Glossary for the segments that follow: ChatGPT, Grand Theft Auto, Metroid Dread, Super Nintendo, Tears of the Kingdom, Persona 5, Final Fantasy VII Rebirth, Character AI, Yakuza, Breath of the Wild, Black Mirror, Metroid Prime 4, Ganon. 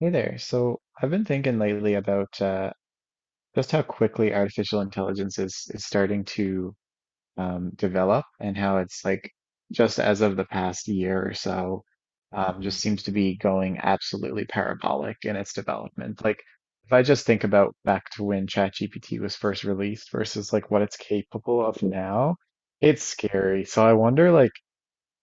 Hey there. So I've been thinking lately about just how quickly artificial intelligence is starting to develop. And how it's like just as of the past year or so, just seems to be going absolutely parabolic in its development. Like if I just think about back to when ChatGPT was first released versus like what it's capable of now, it's scary. So I wonder like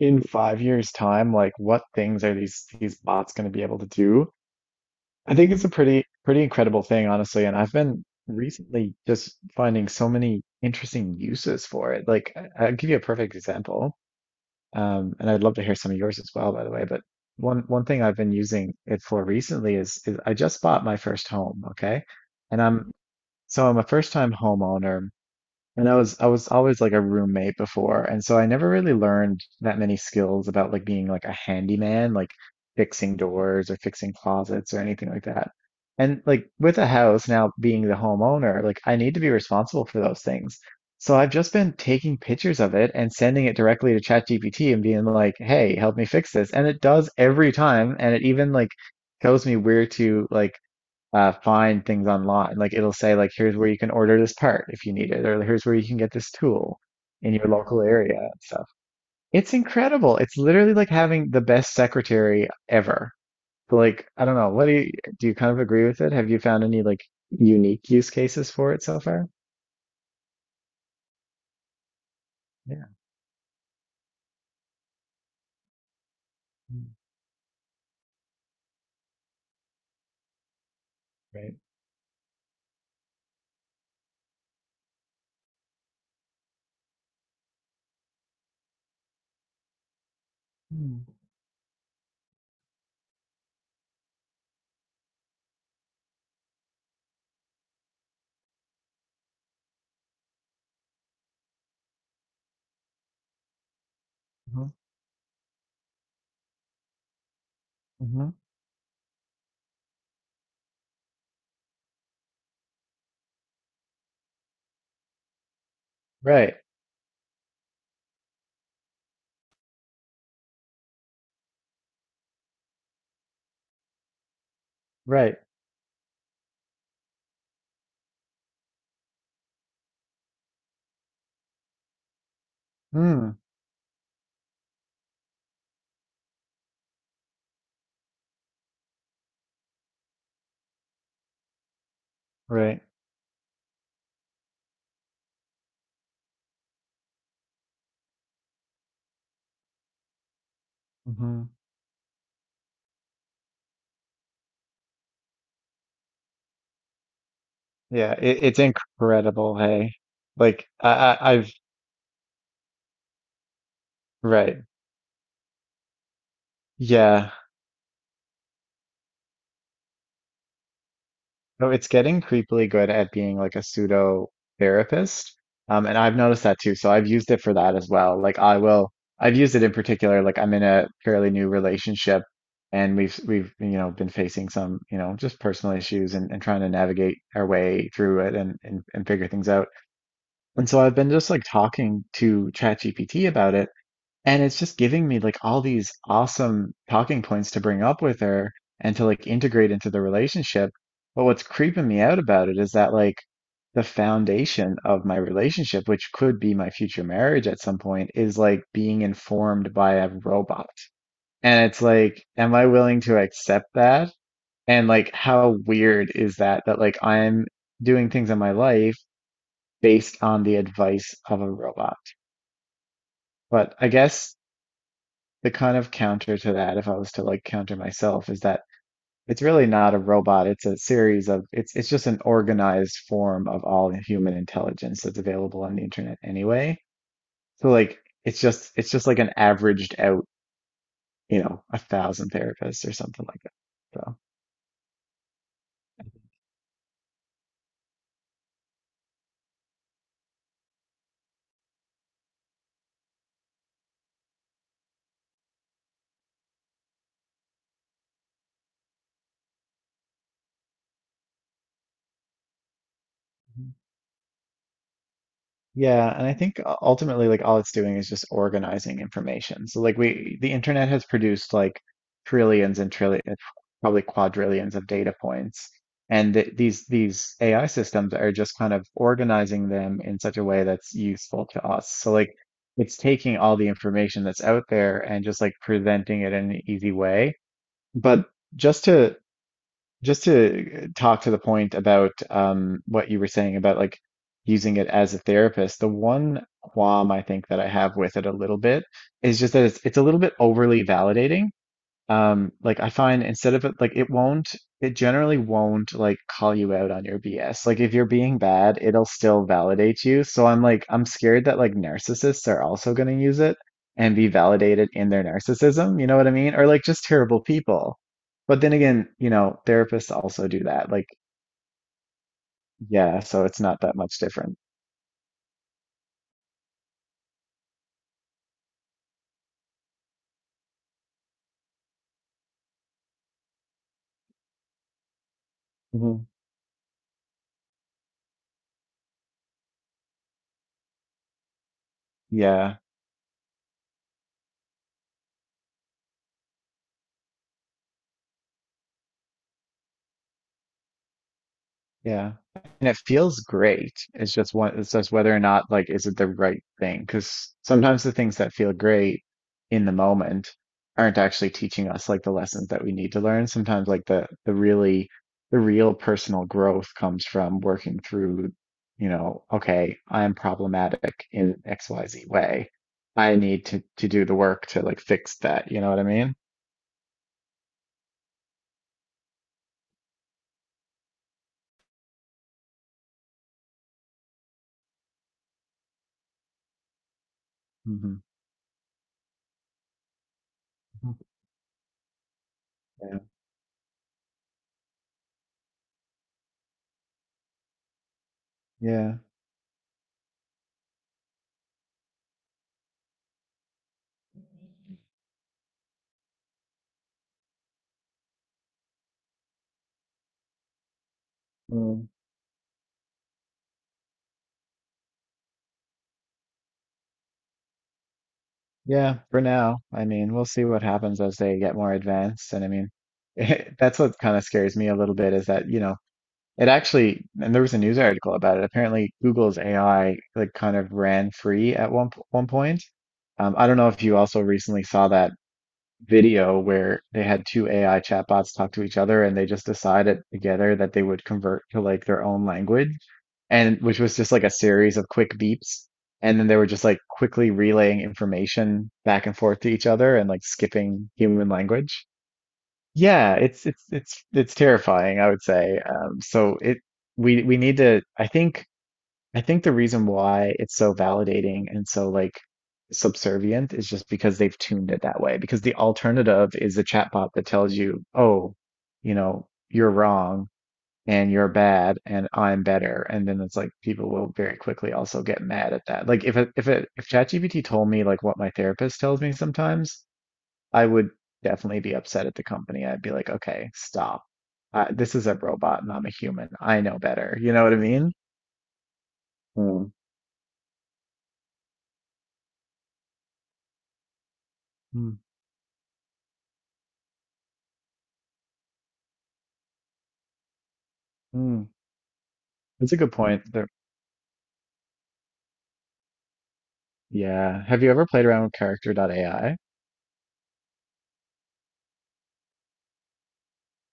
in 5 years' time, like what things are these bots going to be able to do? I think it's a pretty incredible thing, honestly, and I've been recently just finding so many interesting uses for it. Like, I'll give you a perfect example, and I'd love to hear some of yours as well, by the way. But one thing I've been using it for recently is I just bought my first home, okay, and I'm a first time homeowner, and I was always like a roommate before, and so I never really learned that many skills about like being like a handyman, like fixing doors or fixing closets or anything like that. And like with a house now being the homeowner, like I need to be responsible for those things. So I've just been taking pictures of it and sending it directly to ChatGPT and being like, "Hey, help me fix this." And it does every time, and it even like tells me where to like find things online. Like it'll say like here's where you can order this part if you need it, or here's where you can get this tool in your local area and stuff. It's incredible. It's literally like having the best secretary ever. So, like I don't know, what do you kind of agree with it? Have you found any like unique use cases for it so far? Yeah. Mm, right. Mm-hmm. Hmm. Right. Right. Mm. Right. Hmm. Yeah, it, it's incredible, hey. Like I I've right. Yeah. No, it's getting creepily good at being like a pseudo therapist. And I've noticed that too. So I've used it for that as well. I've used it in particular, like I'm in a fairly new relationship and you know, been facing some, you know, just personal issues and trying to navigate our way through it and, and figure things out. And so I've been just like talking to ChatGPT about it. And it's just giving me like all these awesome talking points to bring up with her and to like integrate into the relationship. But what's creeping me out about it is that like the foundation of my relationship, which could be my future marriage at some point, is like being informed by a robot. And it's like, am I willing to accept that? And like, how weird is that that like I'm doing things in my life based on the advice of a robot? But I guess the kind of counter to that, if I was to like counter myself, is that it's really not a robot. It's a series of it's just an organized form of all human intelligence that's available on the internet anyway. So like it's just like an averaged out, you know, a thousand therapists or something like that. So mhm. Yeah, and I think ultimately, like all it's doing is just organizing information. So like we, the internet has produced like trillions and trillions, probably quadrillions of data points, and th these AI systems are just kind of organizing them in such a way that's useful to us. So like it's taking all the information that's out there and just like presenting it in an easy way. But just to just to talk to the point about what you were saying about like using it as a therapist, the one qualm I think that I have with it a little bit is just that it's a little bit overly validating. Like I find instead of it, like it won't, it generally won't like call you out on your BS. Like if you're being bad, it'll still validate you. So I'm scared that like narcissists are also going to use it and be validated in their narcissism. You know what I mean? Or like just terrible people. But then again, you know, therapists also do that. Like, yeah, so it's not that much different. Mhm. Yeah. Yeah. And it feels great. It's just one, it's just whether or not, like, is it the right thing? Because sometimes the things that feel great in the moment aren't actually teaching us like the lessons that we need to learn. Sometimes like the real personal growth comes from working through, you know, okay, I'm problematic in XYZ way. I need to do the work to like fix that. You know what I mean? Hmm. Yeah. Yeah. Mm. Yeah, for now. I mean, we'll see what happens as they get more advanced. And I mean, that's what kind of scares me a little bit is that, you know, it actually, and there was a news article about it. Apparently, Google's AI like kind of ran free at one point. I don't know if you also recently saw that video where they had two AI chatbots talk to each other and they just decided together that they would convert to like their own language, and which was just like a series of quick beeps, and then they were just like quickly relaying information back and forth to each other and like skipping human language. Yeah, it's terrifying, I would say. So it, we need to, I think the reason why it's so validating and so like subservient is just because they've tuned it that way. Because the alternative is a chatbot that tells you, oh, you know, you're wrong and you're bad and I'm better. And then it's like people will very quickly also get mad at that. Like if ChatGPT told me like what my therapist tells me sometimes, I would definitely be upset at the company. I'd be like, okay, stop. This is a robot and I'm a human. I know better. You know what I mean? Mm. Mm. Mm. That's a good point. There, yeah. Have you ever played around with Character AI?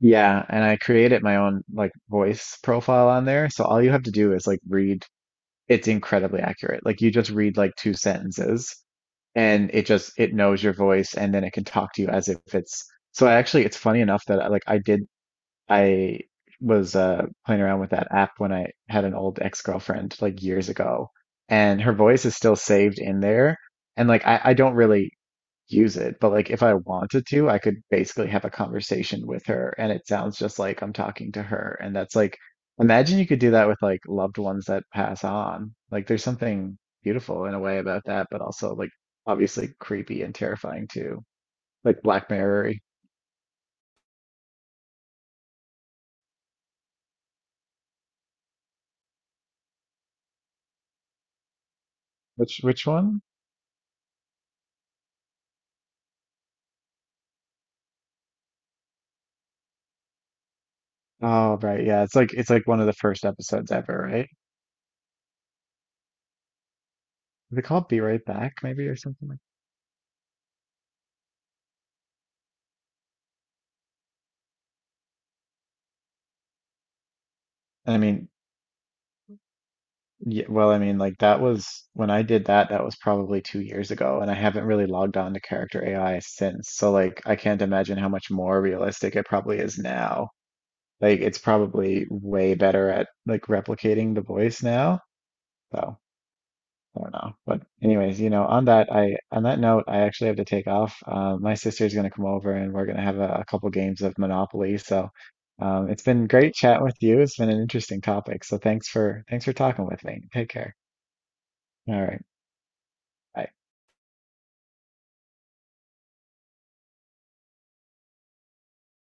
Yeah, and I created my own like voice profile on there. So all you have to do is like read. It's incredibly accurate. Like you just read like two sentences and it knows your voice and then it can talk to you as if it's, so I actually it's funny enough that I, like I did I was playing around with that app when I had an old ex-girlfriend like years ago and her voice is still saved in there. And like I don't really use it. But like if I wanted to, I could basically have a conversation with her and it sounds just like I'm talking to her. And that's like, imagine you could do that with like loved ones that pass on. Like there's something beautiful in a way about that, but also like obviously creepy and terrifying too. Like Black Mirror. Which one? Oh, right. Yeah, it's like one of the first episodes ever, right? Is it called Be Right Back maybe or something like that? Yeah, well, I mean, like that was when I did that, that was probably 2 years ago, and I haven't really logged on to Character AI since. So, like, I can't imagine how much more realistic it probably is now. Like, it's probably way better at like replicating the voice now. So, I don't know. But anyways, you know, on that note, I actually have to take off. My sister's gonna come over, and we're gonna have a couple games of Monopoly. So, it's been great chatting with you. It's been an interesting topic. So, thanks for talking with me. Take care. All right. I,